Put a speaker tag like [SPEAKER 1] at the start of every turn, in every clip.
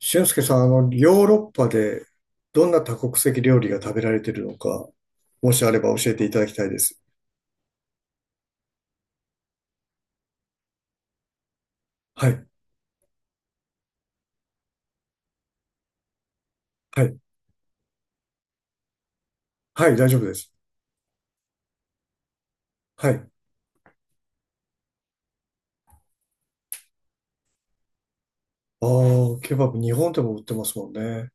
[SPEAKER 1] 俊介さん、ヨーロッパでどんな多国籍料理が食べられてるのか、もしあれば教えていただきたいです。はい、はい、はい、大丈夫です。はい。ああ、ケバブ、日本でも売ってますもんね。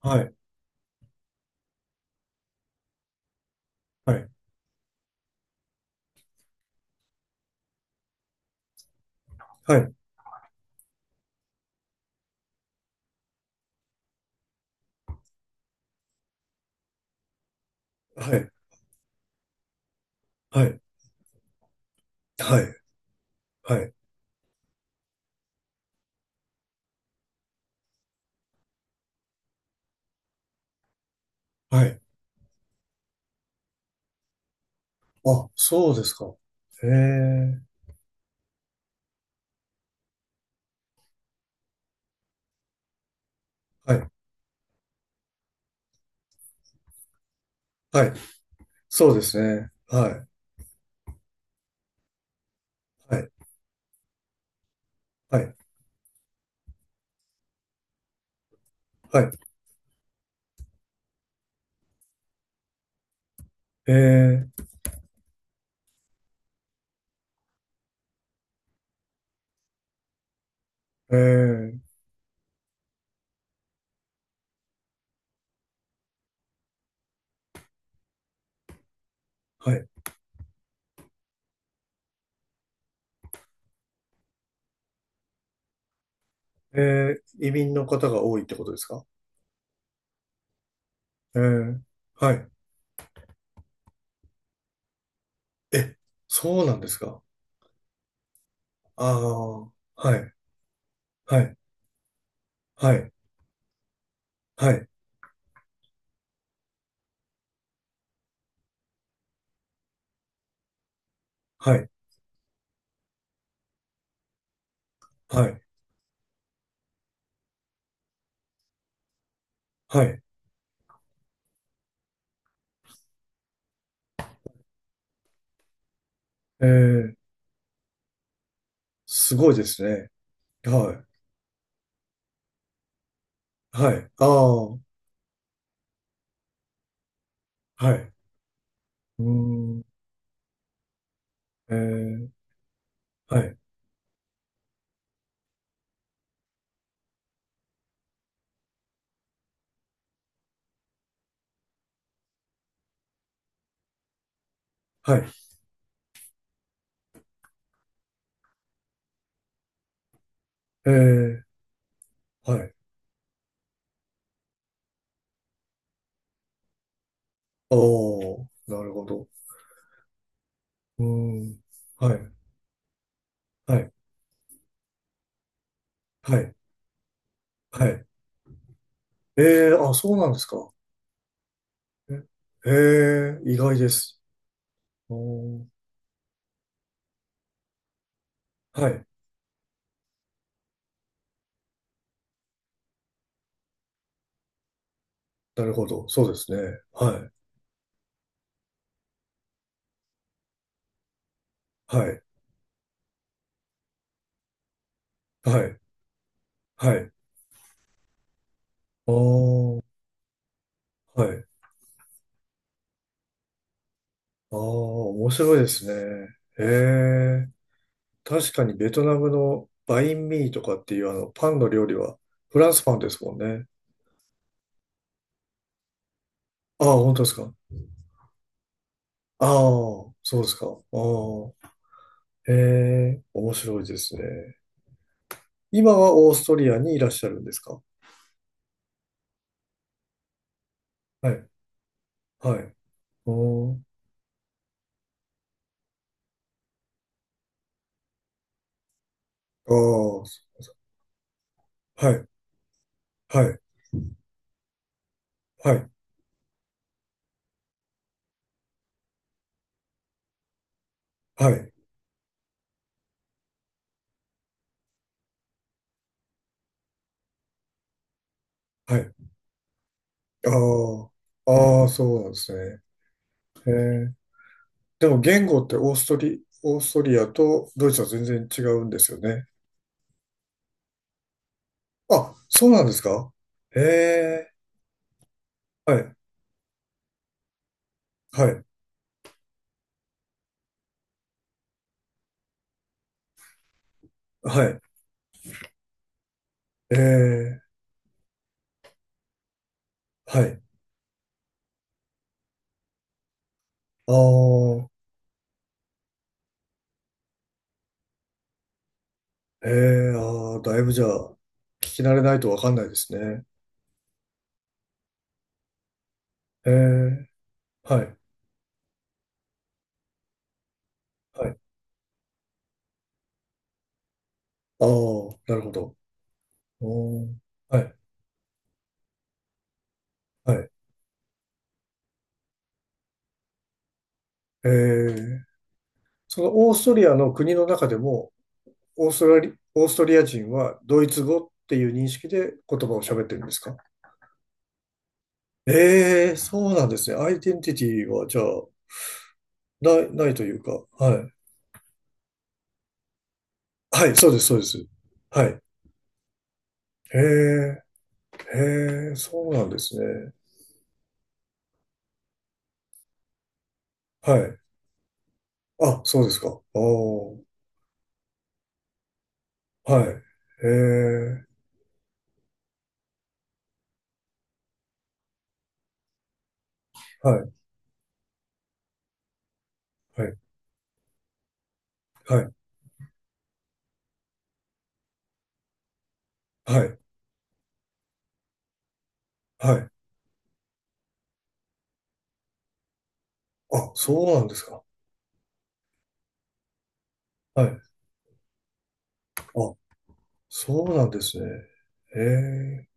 [SPEAKER 1] はい、はい、はい、はい、はい、はい、はい、はい。あ、そうですか。へえ、はい、はい、そうですね。はい、はい、はい、はい。ええ、ええ、はい。ええ、移民の方が多いってことですか？ええ、はい。え、そうなんですか。ああ、はい、はい、はい、はい、はい、はい、はい。えー、すごいですね。はい、はい、ああ、はい、うーん、えー、はい、はい、えー、はい、おー、なるほど。うーん、はい、はい、はい、はい。えー、あ、そうなんですか。え、えー、意外です。おー、はい、なるほど。そうですね。はい、はい、はい、はい。ああ、はい。ああ、面白いですね。へえ。確かにベトナムのバインミーとかっていうあのパンの料理はフランスパンですもんね。ああ、本当ですか。ああ、そうですか。ああ、へえ、面白いですね。今はオーストリアにいらっしゃるんですか？はい、はい。おー、ああ、はい、はい、はい、はい、はい。ああ、ああ、そうなんですね。へえ。でも言語ってオーストリアとドイツは全然違うんですよね。あ、そうなんですか？へえ、はい、はい、はい、ええ、はい。ああ、ええ、ああ、だいぶじゃあ、聞き慣れないとわかんないですね。ええ、はい、はい。ああ、なるほど。おー、はい、はい。ええ、そのオーストリアの国の中でも、オーストリア人はドイツ語っていう認識で言葉を喋ってるんですか？ええ、そうなんですね。アイデンティティは、じゃあ、ないというか、はい。はい、そうです、そうです。はい。へえ、へえ、そうなんですね。はい。あ、そうですか。ああ、はい。へえ、はい、はい、はい、はい、はい。あ、そうなんですか。はい。あ、そうなんですね。へえ、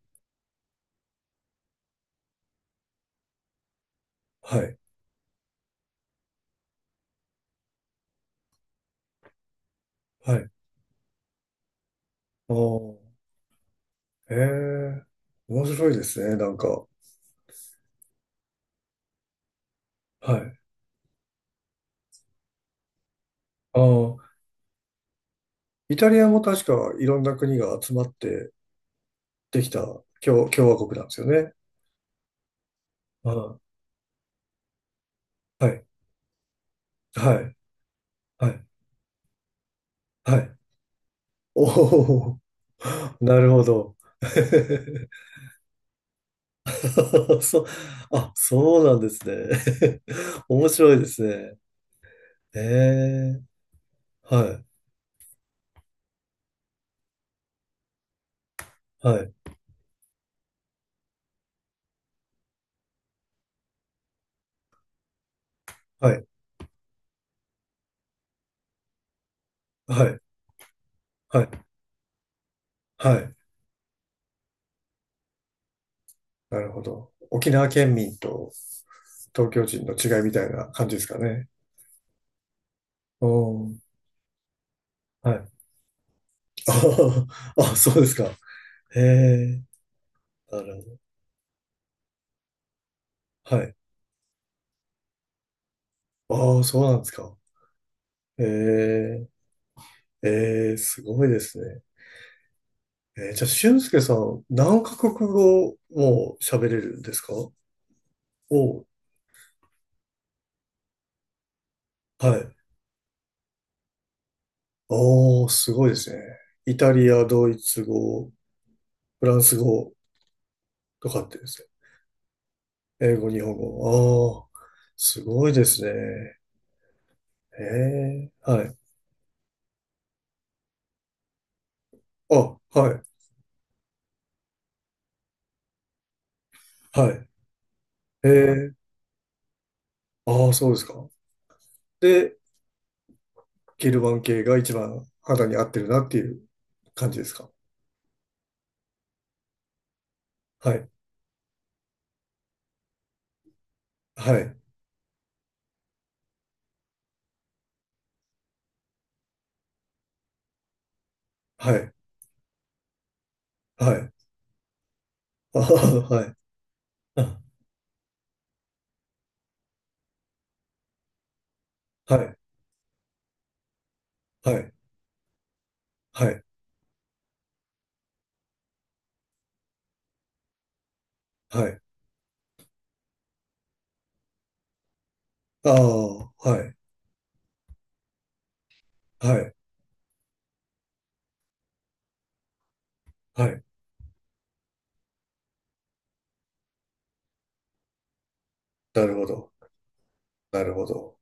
[SPEAKER 1] はい、はい。ああ、へえ、面白いですね、なんか。はい。ああ。イタリアも確かいろんな国が集まってできた共和国なんですよね。うん。はい。はい。はい。はい。おお、なるほど。そう、あ、そうなんですね。面白いですね。ええ、はい、はい、はい、はい、はい、はい。なるほど。沖縄県民と東京人の違いみたいな感じですかね。うん、はい。あーあ、そうですか。ええ、なるほど。はい。ああ、そうなんですか。ええ、ええ、すごいですね。えー、じゃあ、俊介さん、何カ国語も喋れるんですか？お、はい。おー、すごいですね。イタリア、ドイツ語、フランス語とかってですね。英語、日本語。ああ、すごいですね。ええ、はい。あ、はい、はい。ええ、ああ、そうですか。で、ゲルマン系が一番肌に合ってるなっていう感じですか？はい、はい、はい、はい。ああ、はい、あ、はい、はい、はい、はい。ああ、はい、はい、はい。なるほど、なるほど。